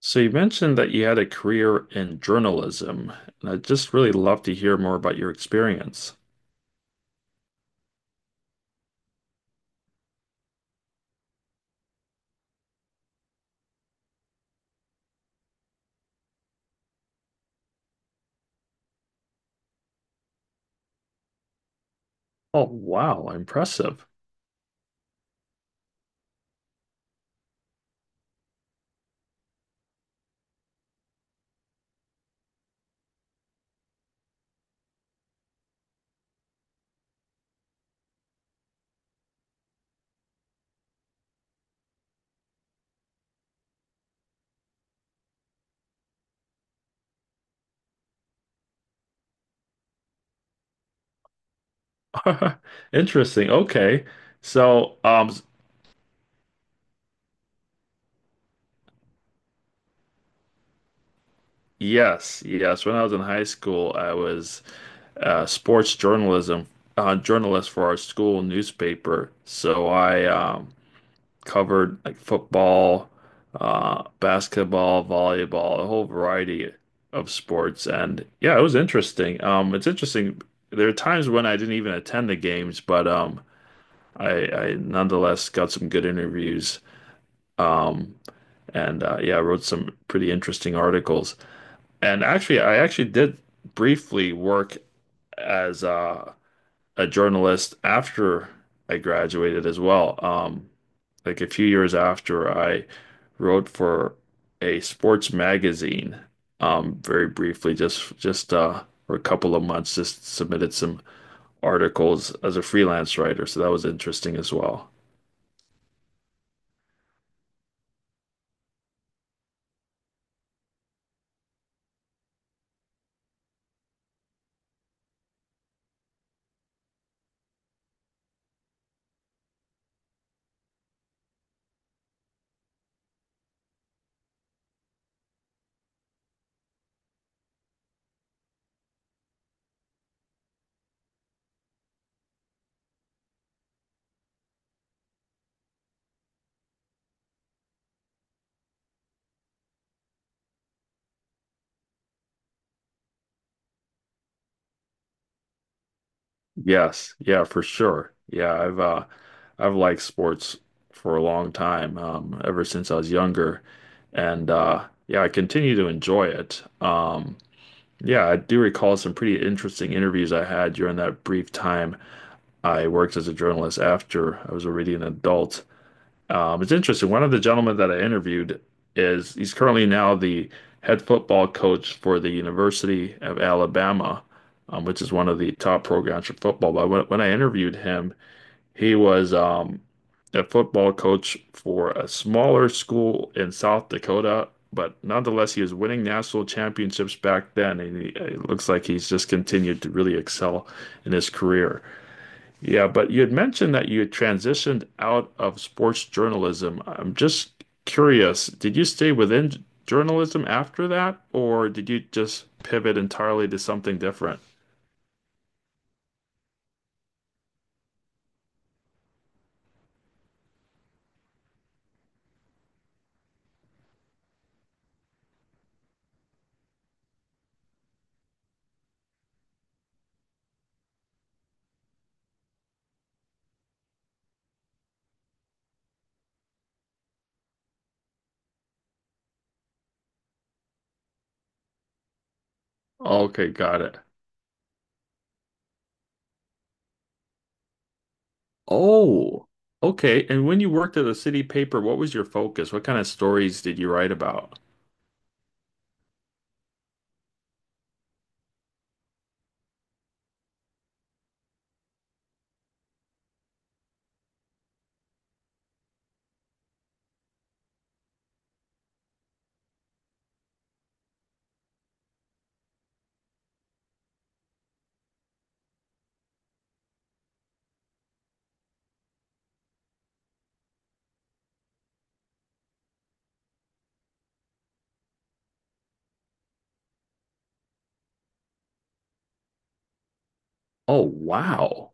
So you mentioned that you had a career in journalism, and I'd just really love to hear more about your experience. Oh, wow, impressive. Interesting. Okay. So, um, yes, yes. When I was in high school, I was sports journalism journalist for our school newspaper. So I covered like football, basketball, volleyball, a whole variety of sports. And yeah, it was interesting. It's interesting. There are times when I didn't even attend the games, but I nonetheless got some good interviews. Um, and yeah, I wrote some pretty interesting articles. And actually, I actually did briefly work as a journalist after I graduated as well. Like a few years after I wrote for a sports magazine, very briefly, just for a couple of months, just submitted some articles as a freelance writer. So that was interesting as well. Yes, yeah, for sure. Yeah, I've liked sports for a long time, ever since I was younger, and yeah, I continue to enjoy it. Yeah, I do recall some pretty interesting interviews I had during that brief time I worked as a journalist after I was already an adult. It's interesting. One of the gentlemen that I interviewed is he's currently now the head football coach for the University of Alabama, which is one of the top programs for football. But when I interviewed him, he was a football coach for a smaller school in South Dakota. But nonetheless, he was winning national championships back then, and he, it looks like he's just continued to really excel in his career. Yeah, but you had mentioned that you had transitioned out of sports journalism. I'm just curious, did you stay within journalism after that, or did you just pivot entirely to something different? Okay, got it. Oh, okay. And when you worked at the city paper, what was your focus? What kind of stories did you write about? Oh, wow.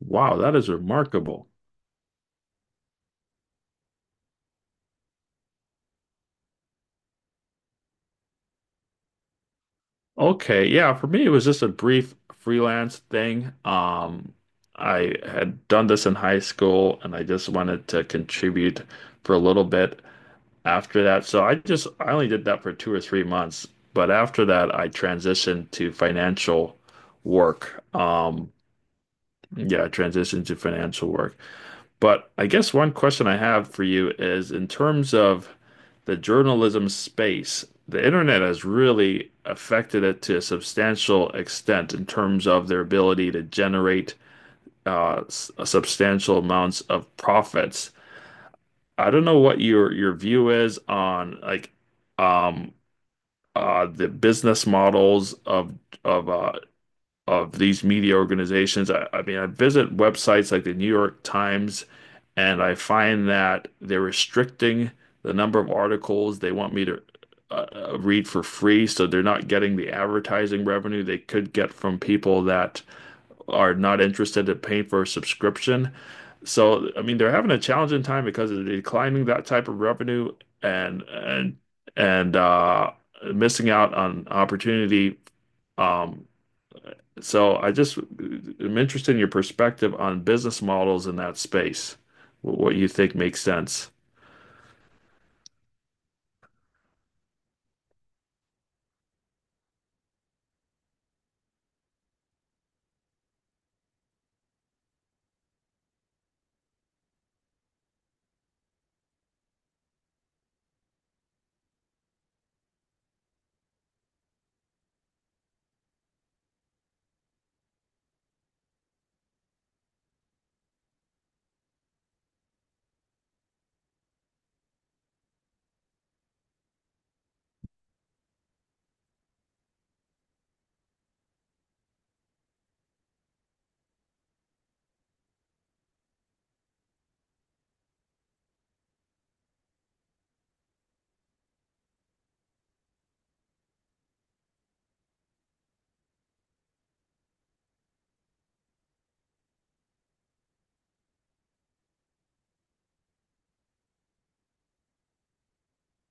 Wow, that is remarkable. Okay, yeah, for me it was just a brief freelance thing. I had done this in high school and I just wanted to contribute for a little bit after that. So I only did that for 2 or 3 months, but after that I transitioned to financial work. Yeah, I transitioned to financial work. But I guess one question I have for you is in terms of the journalism space, the internet has really affected it to a substantial extent in terms of their ability to generate substantial amounts of profits. I don't know what your view is on like um, the business models of of these media organizations. I mean, I visit websites like the New York Times and I find that they're restricting the number of articles they want me to uh, read for free. So they're not getting the advertising revenue they could get from people that are not interested in paying for a subscription. So, I mean, they're having a challenging time because they're declining that type of revenue and, and, and missing out on opportunity. Um, so I just am interested in your perspective on business models in that space, what you think makes sense.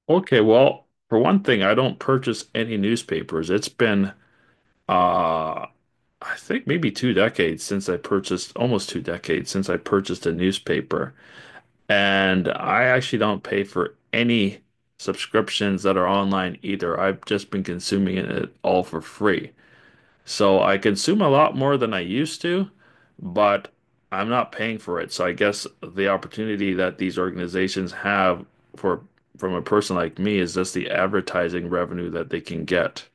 Okay, well, for one thing, I don't purchase any newspapers. It's been, uh, I think maybe two decades since I purchased, almost two decades since I purchased a newspaper. And I actually don't pay for any subscriptions that are online either. I've just been consuming it all for free. So I consume a lot more than I used to, but I'm not paying for it. So I guess the opportunity that these organizations have for from a person like me is just the advertising revenue that they can get.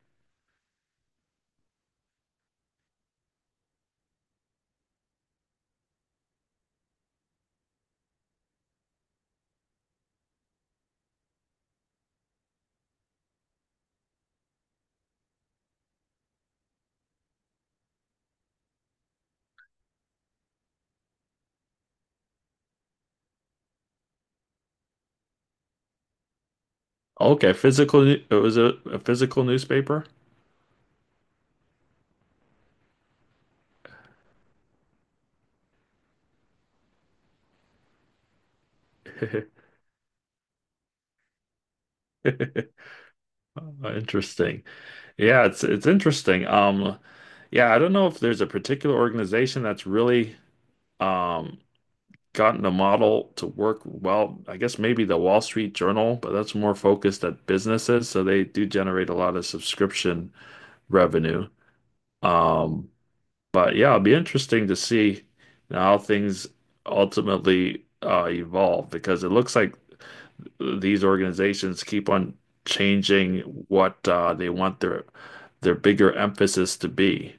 Okay, physical, it was a physical newspaper. Interesting. Yeah, it's interesting. Yeah, I don't know if there's a particular organization that's really um gotten a model to work well. I guess maybe the Wall Street Journal, but that's more focused at businesses, so they do generate a lot of subscription revenue. Um, but yeah, it'll be interesting to see how things ultimately evolve because it looks like these organizations keep on changing what they want their bigger emphasis to be.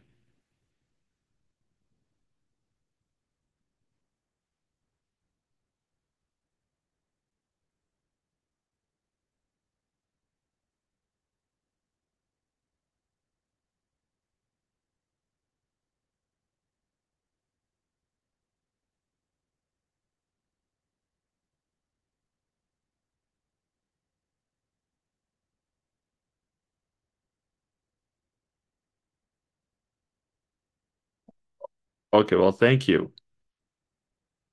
Okay, well, thank you.